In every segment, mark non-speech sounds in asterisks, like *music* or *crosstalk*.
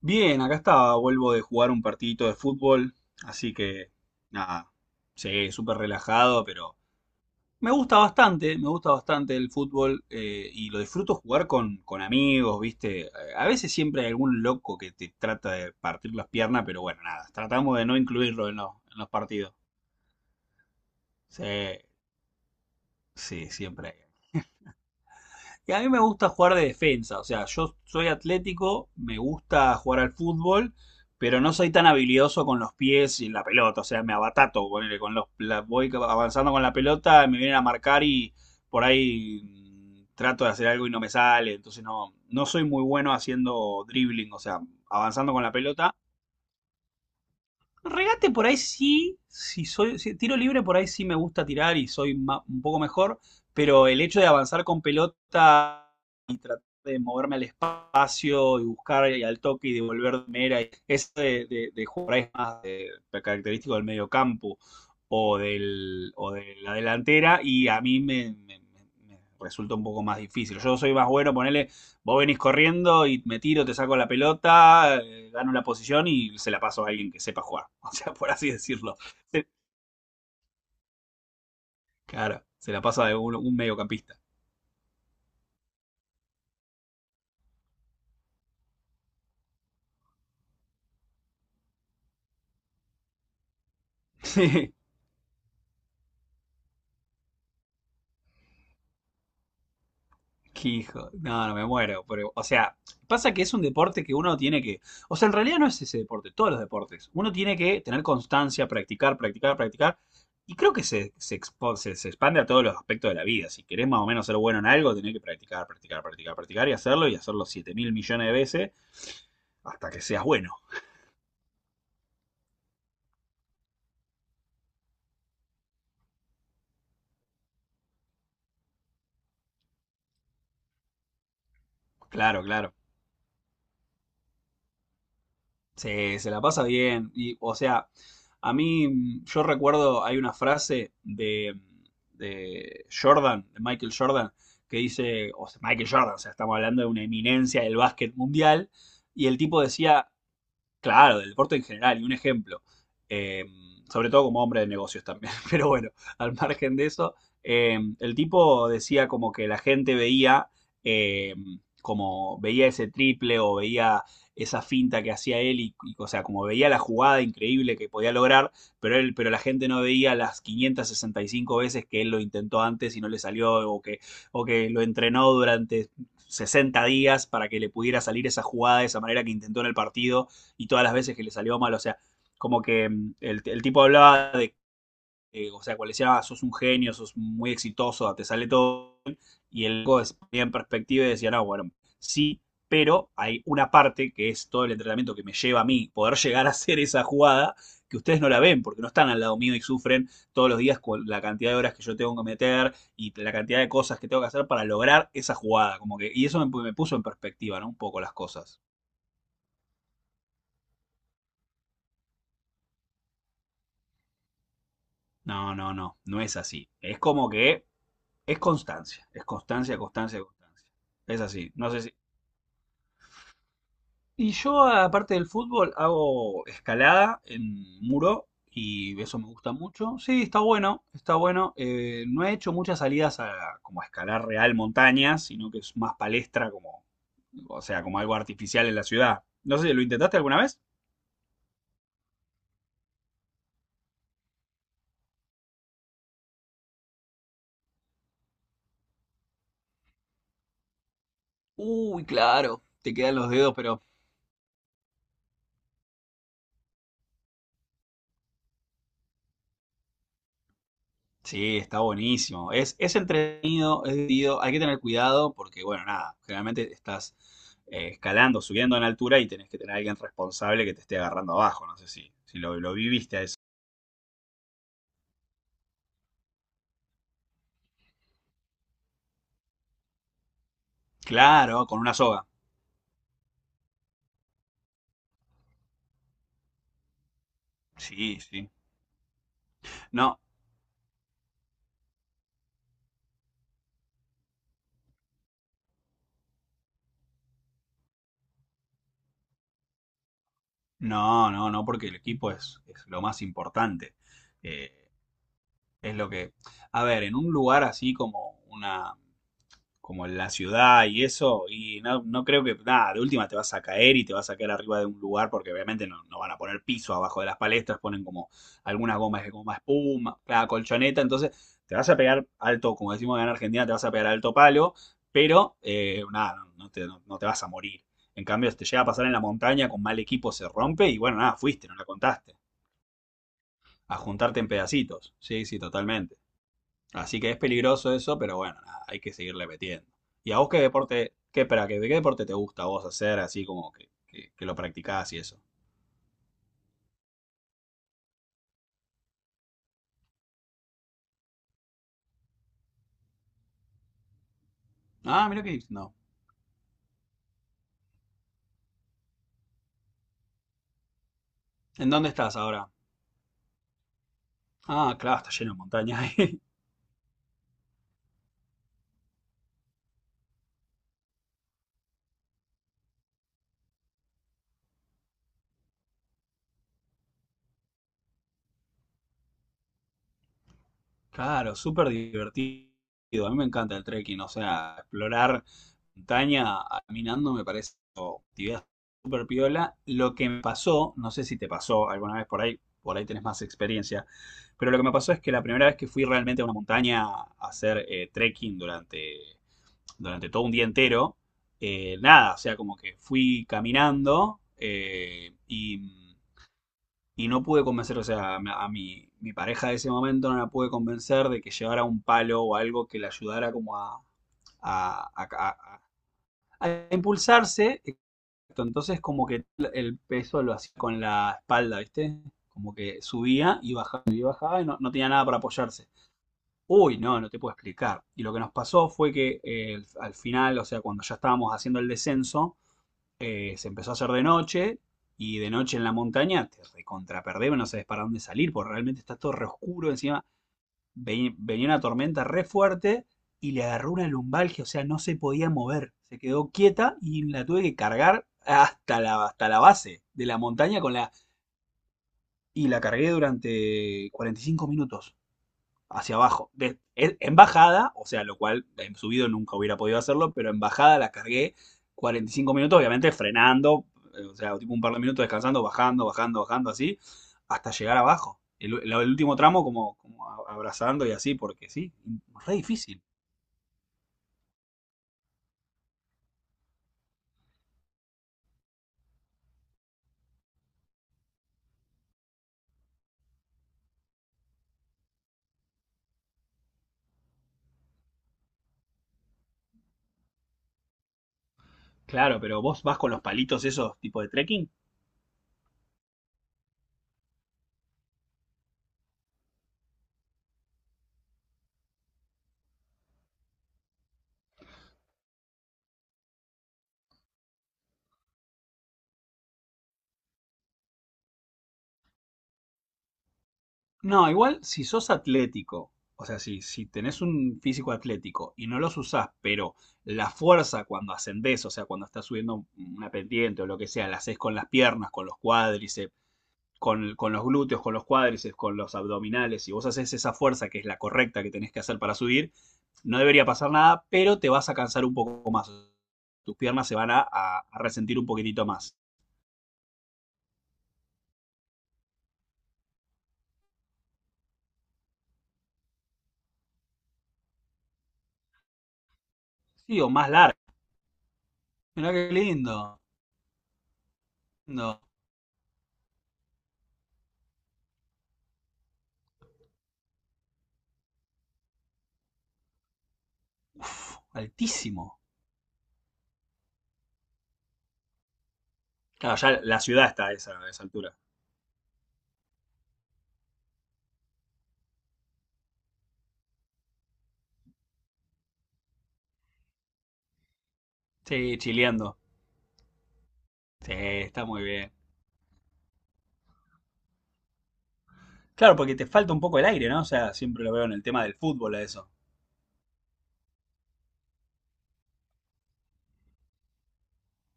Bien, acá estaba, vuelvo de jugar un partidito de fútbol, así que nada, sí, súper relajado, pero me gusta bastante el fútbol y lo disfruto jugar con amigos, ¿viste? A veces siempre hay algún loco que te trata de partir las piernas, pero bueno, nada, tratamos de no incluirlo en los partidos. Sí, sí, siempre. Y a mí me gusta jugar de defensa, o sea, yo soy atlético, me gusta jugar al fútbol, pero no soy tan habilidoso con los pies y la pelota, o sea, me abatato, ponele, voy avanzando con la pelota, me vienen a marcar y por ahí trato de hacer algo y no me sale, entonces no soy muy bueno haciendo dribbling, o sea, avanzando con la pelota. Regate por ahí sí, si soy si- tiro libre por ahí sí me gusta tirar y un poco mejor, pero el hecho de avanzar con pelota y tratar de moverme al espacio y buscar y al toque y devolver de mera, y eso de jugar por ahí es más de característico del medio campo o de la delantera y a mí me resulta un poco más difícil. Yo soy más bueno, ponerle. Vos venís corriendo y me tiro, te saco la pelota, gano la posición y se la paso a alguien que sepa jugar. *laughs* O sea, por así decirlo. Se- claro, se la paso a un mediocampista. *laughs* Sí. Qué hijo. No, no me muero. Pero, o sea, pasa que es un deporte que uno tiene que. O sea, en realidad no es ese deporte, todos los deportes. Uno tiene que tener constancia, practicar, practicar, practicar. Y creo que se expande a todos los aspectos de la vida. Si querés más o menos ser bueno en algo, tenés que practicar, practicar, practicar, practicar y hacerlo 7.000.000.000 de veces hasta que seas bueno. Claro, claro. Se la pasa bien. Y, o sea, a mí, yo recuerdo, hay una frase de Jordan, de Michael Jordan, que dice, o sea, Michael Jordan, o sea, estamos hablando de una eminencia del básquet mundial, y el tipo decía. Claro, del deporte en general, y un ejemplo, eh, sobre todo como hombre de negocios también, *laughs* pero bueno, al margen de eso, el tipo decía como que la gente veía, eh, como veía ese triple o veía esa finta que hacía él, y, o sea, como veía la jugada increíble que podía lograr, pero, él, pero la gente no veía las 565 veces que él lo intentó antes y no le salió, o que lo entrenó durante 60 días para que le pudiera salir esa jugada de esa manera que intentó en el partido y todas las veces que le salió mal. O sea, como que el tipo hablaba de, o sea, cuando le decía: "Ah, sos un genio, sos muy exitoso, te sale todo bien", y el loco ponía en perspectiva y decía, no, bueno, sí, pero hay una parte que es todo el entrenamiento que me lleva a mí poder llegar a hacer esa jugada que ustedes no la ven porque no están al lado mío y sufren todos los días con la cantidad de horas que yo tengo que meter y la cantidad de cosas que tengo que hacer para lograr esa jugada. Como que, y eso me, me puso en perspectiva, ¿no? Un poco las cosas. No, no, no, no es así. Es como que es constancia, constancia, constancia. Es así, no sé si... Y yo, aparte del fútbol, hago escalada en muro y eso me gusta mucho. Sí, está bueno, está bueno. No he hecho muchas salidas a como a escalar real montañas, sino que es más palestra como, o sea, como algo artificial en la ciudad. No sé, ¿lo intentaste alguna vez? Uy, claro, te quedan los dedos, pero sí, está buenísimo. Es entretenido, es divertido. Hay que tener cuidado porque, bueno, nada, generalmente estás escalando, subiendo en altura y tenés que tener a alguien responsable que te esté agarrando abajo. No sé si, si lo, lo viviste a eso. Claro, con una soga. Sí, sí. No, no, no, no, porque el equipo es lo más importante. Eh, es lo que... A ver, en un lugar así como una, como en la ciudad y eso, y no creo que, nada, de última te vas a caer y te vas a caer arriba de un lugar porque obviamente no van a poner piso abajo de las palestras, ponen como algunas gomas de goma espuma, la colchoneta, entonces te vas a pegar alto, como decimos acá en Argentina, te vas a pegar alto palo, pero nada, no te vas a morir. En cambio, si te llega a pasar en la montaña con mal equipo, se rompe y bueno, nada, fuiste, no la contaste. A juntarte en pedacitos. Sí, sí, totalmente. Así que es peligroso eso, pero bueno, nada, hay que seguirle metiendo. ¿Y a vos qué deporte, qué, espera, qué, deporte te gusta a vos hacer, así como que lo practicás y eso? Ah, mira que no. ¿En dónde estás ahora? Ah, claro, está lleno de montaña. *laughs* Claro, súper divertido. A mí me encanta el trekking, o sea, explorar montaña caminando me parece una actividad súper piola. Lo que me pasó, no sé si te pasó alguna vez por ahí tenés más experiencia, pero lo que me pasó es que la primera vez que fui realmente a una montaña a hacer trekking durante, durante todo un día entero, nada, o sea, como que fui caminando y no pude convencer, o sea, a mi, mi pareja de ese momento no la pude convencer de que llevara un palo o algo que le ayudara como a, a- a- a impulsarse. Exacto. Entonces como que el peso lo hacía con la espalda, ¿viste? Como que subía y bajaba y bajaba y no tenía nada para apoyarse. Uy, no, no te puedo explicar. Y lo que nos pasó fue que al final, o sea, cuando ya estábamos haciendo el descenso, se empezó a hacer de noche y de noche en la montaña te recontraperdés, no sabes para dónde salir, porque realmente está todo re oscuro. Encima venía una tormenta re fuerte y le agarró una lumbalgia, o sea, no se podía mover. Se quedó quieta y la tuve que cargar hasta la base de la montaña y la cargué durante 45 minutos hacia abajo. En bajada, o sea, lo cual en subido nunca hubiera podido hacerlo, pero en bajada la cargué 45 minutos, obviamente frenando, o sea, tipo un par de minutos descansando, bajando, bajando, bajando, así, hasta llegar abajo. Último tramo como, como abrazando y así, porque sí, re difícil. Claro, pero vos vas con los palitos esos tipo de trekking. No, igual si sos atlético, o sea, si, si tenés un físico atlético y no los usás, pero la fuerza cuando ascendés, o sea, cuando estás subiendo una pendiente o lo que sea, la haces con las piernas, con los cuádriceps, con los glúteos, con los cuádriceps, con los abdominales, y vos haces esa fuerza que es la correcta que tenés que hacer para subir, no debería pasar nada, pero te vas a cansar un poco más. Tus piernas se van a resentir un poquitito más. Sí, o más largas. Mirá qué lindo. Lindo. Uf, altísimo. Claro, ya la ciudad está a esa altura. Sí, chileando. Sí, está muy bien. Claro, porque te falta un poco el aire, ¿no? O sea, siempre lo veo en el tema del fútbol a eso.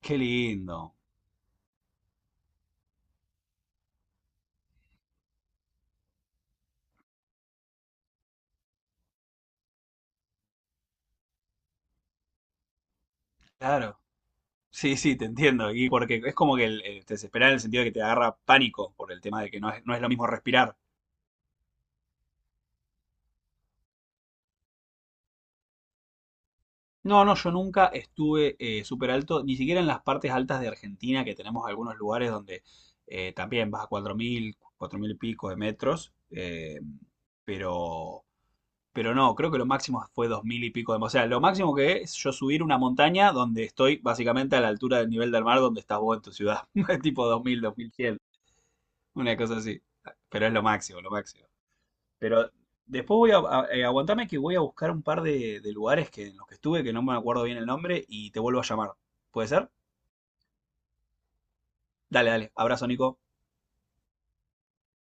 Qué lindo. Claro. Sí, sí, te entiendo. Y porque es como que el te en el sentido de que te agarra pánico por el tema de que no es, no es lo mismo respirar. No, no, yo nunca estuve súper alto, ni siquiera en las partes altas de Argentina, que tenemos algunos lugares donde también vas a 4.000, 4.000 y pico de metros, pero no, creo que lo máximo fue 2.000 y pico de... O sea, lo máximo que es yo subir una montaña donde estoy básicamente a la altura del nivel del mar donde estás vos en tu ciudad. *laughs* Tipo 2000, 2100, una cosa así. Pero es lo máximo, lo máximo. Pero después voy a... aguantame que voy a buscar un par de lugares que, en los que estuve, que no me acuerdo bien el nombre, y te vuelvo a llamar. ¿Puede ser? Dale, dale. Abrazo, Nico.